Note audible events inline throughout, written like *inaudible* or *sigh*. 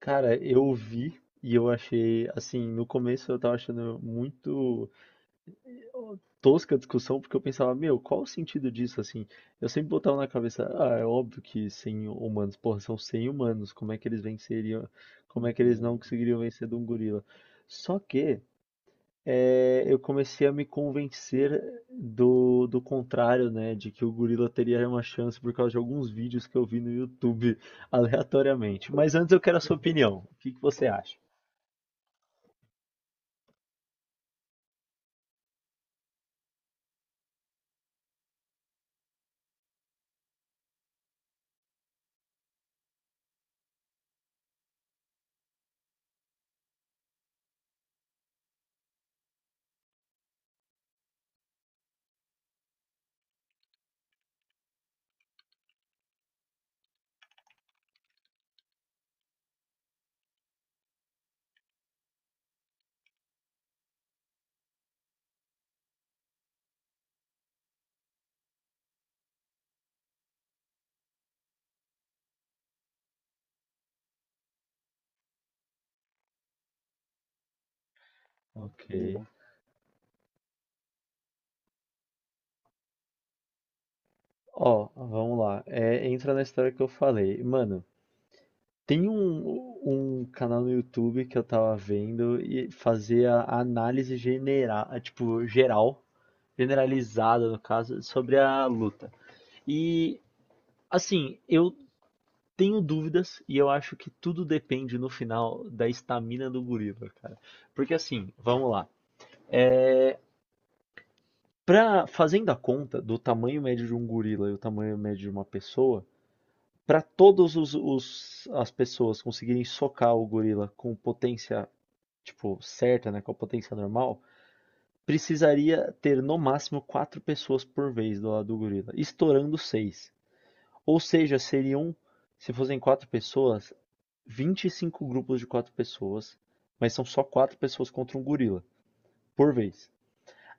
Cara, eu vi e eu achei, assim, no começo eu tava achando muito eh, tosca a discussão, porque eu pensava, meu, qual o sentido disso, assim? Eu sempre botava na cabeça, ah, é óbvio que 100 humanos, porra, são 100 humanos, como é que eles venceriam, como é que eles não conseguiriam vencer de um gorila? Só que eu comecei a me convencer do contrário, né, de que o gorila teria uma chance por causa de alguns vídeos que eu vi no YouTube *laughs* aleatoriamente. Mas antes eu quero a sua opinião, o que que você acha? Ok. Ó, vamos lá. É, entra na história que eu falei. Mano, tem um canal no YouTube que eu tava vendo e fazia análise general, tipo, geral, generalizada no caso, sobre a luta. E, assim, eu tenho dúvidas e eu acho que tudo depende no final da estamina do gorila, cara. Porque, assim, vamos lá. Fazendo a conta do tamanho médio de um gorila e o tamanho médio de uma pessoa, para todos os as pessoas conseguirem socar o gorila com potência, tipo, certa, né, com a potência normal, precisaria ter no máximo quatro pessoas por vez do lado do gorila, estourando seis. Ou seja, seriam, se fossem quatro pessoas, 25 grupos de quatro pessoas, mas são só quatro pessoas contra um gorila por vez.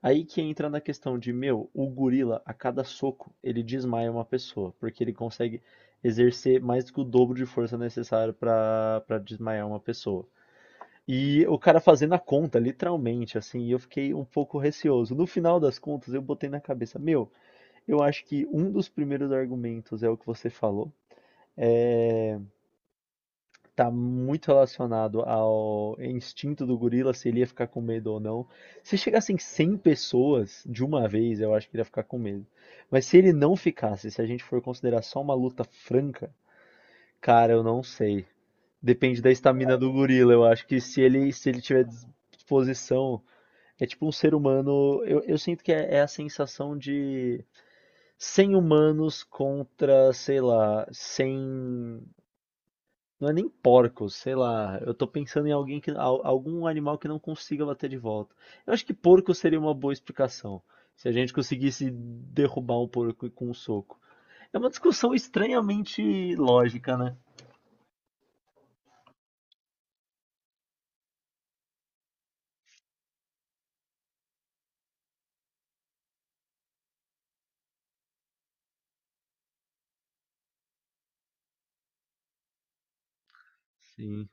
Aí que entra na questão de, meu, o gorila, a cada soco, ele desmaia uma pessoa, porque ele consegue exercer mais do que o dobro de força necessária pra para desmaiar uma pessoa. E o cara fazendo a conta, literalmente, assim, e eu fiquei um pouco receoso. No final das contas, eu botei na cabeça, meu, eu acho que um dos primeiros argumentos é o que você falou. É, tá muito relacionado ao instinto do gorila, se ele ia ficar com medo ou não. Se chegassem 100 pessoas de uma vez, eu acho que ele ia ficar com medo. Mas se ele não ficasse, se a gente for considerar só uma luta franca, cara, eu não sei. Depende da estamina do gorila, eu acho que se ele tiver disposição, é tipo um ser humano, eu sinto que é a sensação de 100 humanos contra, sei lá, 100 não é nem porcos, sei lá. Eu tô pensando em alguém que, algum animal que não consiga bater de volta. Eu acho que porco seria uma boa explicação. Se a gente conseguisse derrubar um porco com um soco. É uma discussão estranhamente lógica, né? Sim,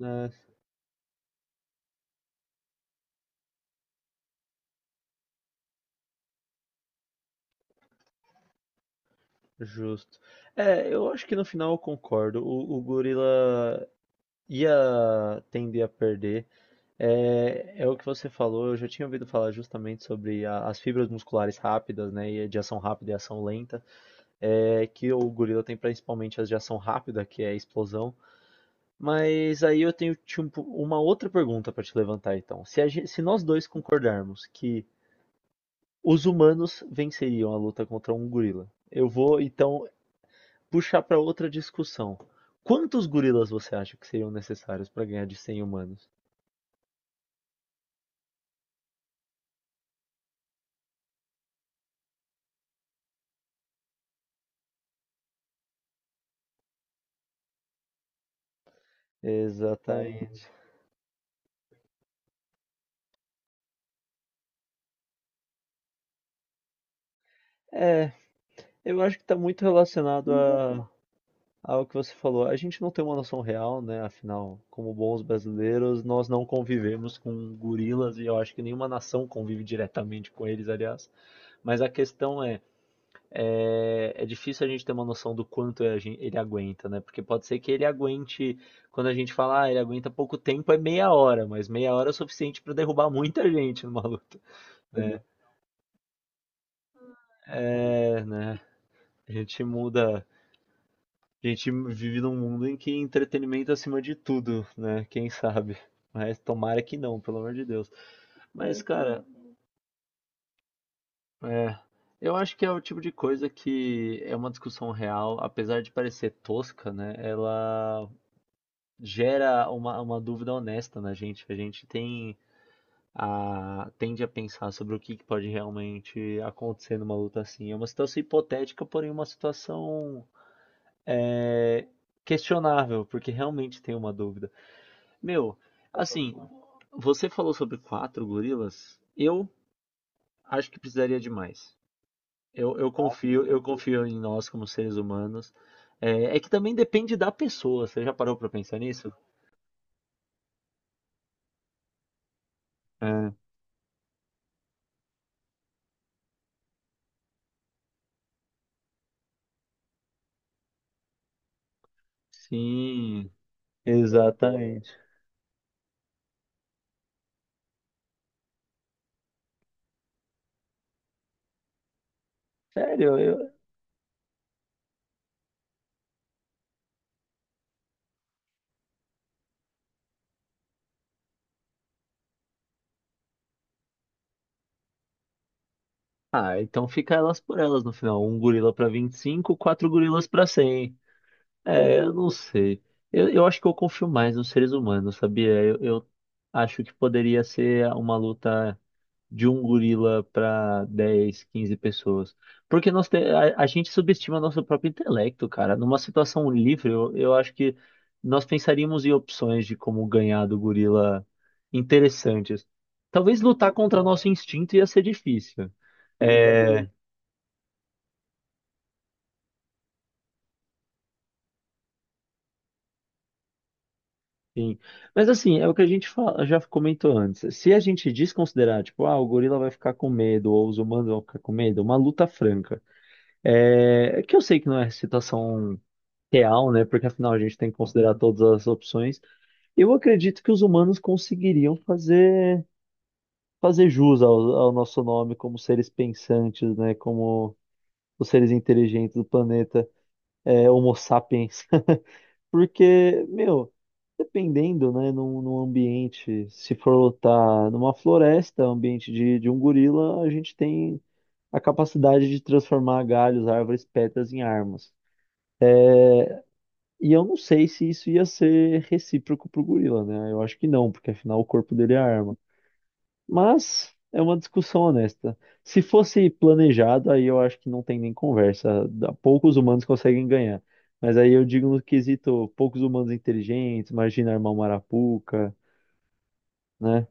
é, justo. É, eu acho que no final eu concordo. O gorila ia tender a perder. É o que você falou, eu já tinha ouvido falar justamente sobre as fibras musculares rápidas, né? E de ação rápida e ação lenta. É, que o gorila tem principalmente as de ação rápida, que é a explosão. Mas aí eu tenho tipo, uma outra pergunta para te levantar, então. Se, gente, se nós dois concordarmos que os humanos venceriam a luta contra um gorila, eu vou então puxar para outra discussão. Quantos gorilas você acha que seriam necessários para ganhar de cem humanos? Exatamente. É, eu acho que está muito relacionado a algo que você falou, a gente não tem uma noção real, né? Afinal, como bons brasileiros, nós não convivemos com gorilas e eu acho que nenhuma nação convive diretamente com eles, aliás. Mas a questão é, é difícil a gente ter uma noção do quanto ele aguenta, né? Porque pode ser que ele aguente, quando a gente fala, ah, ele aguenta pouco tempo, é meia hora, mas meia hora é o suficiente para derrubar muita gente numa luta, né? É, né? A gente muda. A gente vive num mundo em que entretenimento é acima de tudo, né? Quem sabe? Mas tomara que não, pelo amor de Deus. Mas, cara, é, eu acho que é o tipo de coisa que é uma discussão real, apesar de parecer tosca, né? Ela gera uma dúvida honesta na gente. A gente tem tende a pensar sobre o que que pode realmente acontecer numa luta assim. É uma situação hipotética, porém uma situação é, questionável, porque realmente tem uma dúvida. Meu, assim, você falou sobre quatro gorilas. Eu acho que precisaria de mais. Eu confio, eu confio em nós como seres humanos. É, é que também depende da pessoa. Você já parou pra pensar nisso? É, sim, exatamente. Sério, eu... Ah, então fica elas por elas no final. Um gorila pra vinte e cinco quatro gorilas pra cem. É, eu não sei. Eu acho que eu confio mais nos seres humanos, sabia? Eu acho que poderia ser uma luta de um gorila para 10, 15 pessoas. Porque a gente subestima nosso próprio intelecto, cara. Numa situação livre, eu acho que nós pensaríamos em opções de como ganhar do gorila interessantes. Talvez lutar contra nosso instinto ia ser difícil. É, sim. Mas assim, é o que a gente já comentou antes. Se a gente desconsiderar, tipo, ah, o gorila vai ficar com medo, ou os humanos vão ficar com medo, uma luta franca. É, que eu sei que não é situação real, né? Porque afinal a gente tem que considerar todas as opções. Eu acredito que os humanos conseguiriam fazer jus ao, ao nosso nome como seres pensantes, né? Como os seres inteligentes do planeta, é, Homo sapiens. *laughs* Porque, meu, dependendo, né? Num ambiente, se for lutar numa floresta, ambiente de um gorila, a gente tem a capacidade de transformar galhos, árvores, pedras em armas. E eu não sei se isso ia ser recíproco pro gorila, né? Eu acho que não, porque afinal o corpo dele é arma. Mas é uma discussão honesta. Se fosse planejado, aí eu acho que não tem nem conversa. Poucos humanos conseguem ganhar. Mas aí eu digo no quesito, poucos humanos inteligentes, imagina armar uma arapuca, né?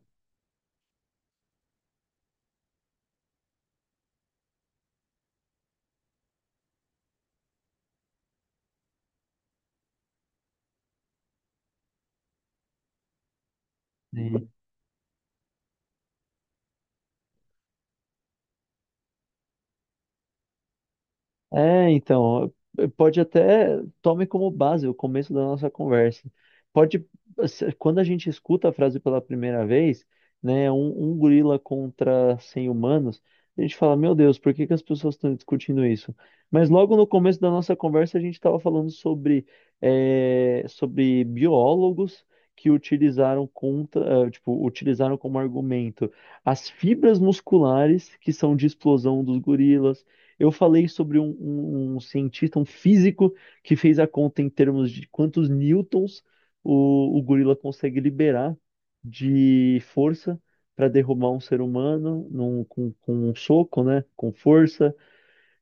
É, então, pode até, tome como base o começo da nossa conversa. Pode, quando a gente escuta a frase pela primeira vez, né, um gorila contra 100 humanos, a gente fala, meu Deus, por que que as pessoas estão discutindo isso? Mas logo no começo da nossa conversa, a gente estava falando sobre, sobre biólogos que utilizaram contra, tipo, utilizaram como argumento as fibras musculares que são de explosão dos gorilas, eu falei sobre um cientista, um físico, que fez a conta em termos de quantos newtons o gorila consegue liberar de força para derrubar um ser humano com um soco, né? Com força.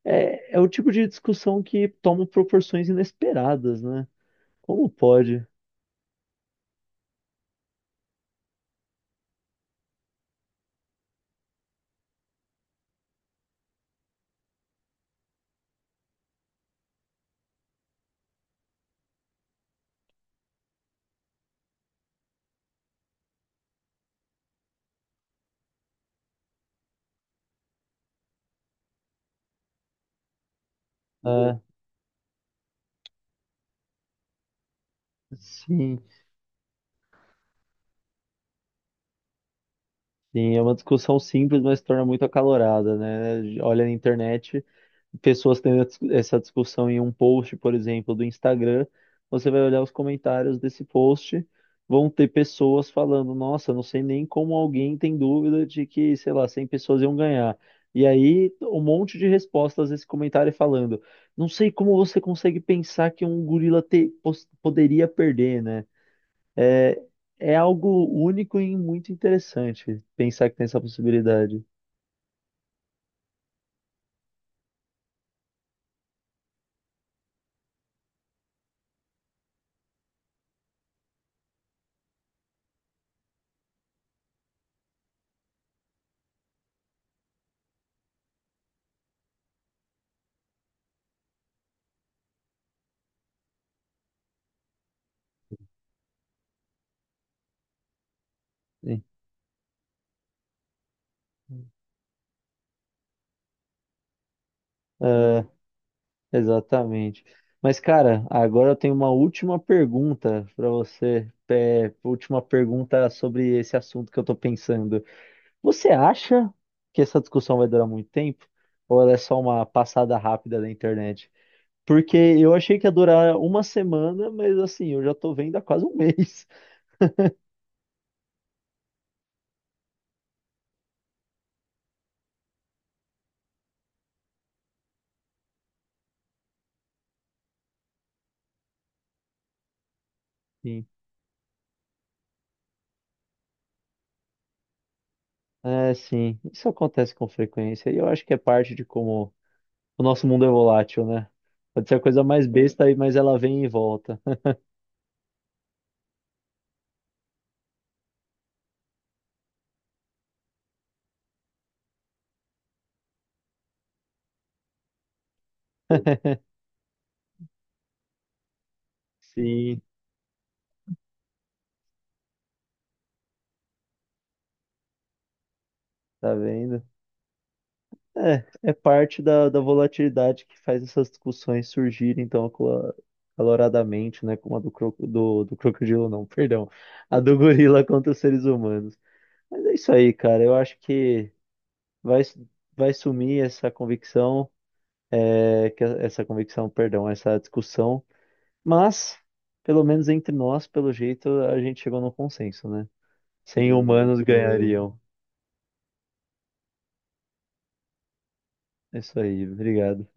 É o tipo de discussão que toma proporções inesperadas, né? Como pode? Ah, sim. Sim, é uma discussão simples, mas se torna muito acalorada, né? Olha na internet, pessoas tendo essa discussão em um post, por exemplo, do Instagram, você vai olhar os comentários desse post, vão ter pessoas falando, nossa, não sei nem como alguém tem dúvida de que, sei lá, 100 pessoas iam ganhar. E aí, um monte de respostas a esse comentário falando, não sei como você consegue pensar que um gorila poderia perder, né? É é algo único e muito interessante pensar que tem essa possibilidade. Sim. É, exatamente. Mas, cara, agora eu tenho uma última pergunta para você. É, última pergunta sobre esse assunto que eu tô pensando. Você acha que essa discussão vai durar muito tempo? Ou ela é só uma passada rápida da internet? Porque eu achei que ia durar uma semana, mas assim, eu já tô vendo há quase um mês. *laughs* Sim. É, sim, isso acontece com frequência e eu acho que é parte de como o nosso mundo é volátil, né? Pode ser a coisa mais besta aí, mas ela vem e volta. *laughs* Sim, tá vendo? É, é parte da volatilidade que faz essas discussões surgirem tão acaloradamente, né? Como a do crocodilo, não, perdão. A do gorila contra os seres humanos. Mas é isso aí, cara. Eu acho que vai, su- vai sumir essa convicção, é, que, essa convicção, perdão, essa discussão. Mas, pelo menos entre nós, pelo jeito, a gente chegou num consenso, né? 100 humanos ganhariam. É, isso aí, obrigado.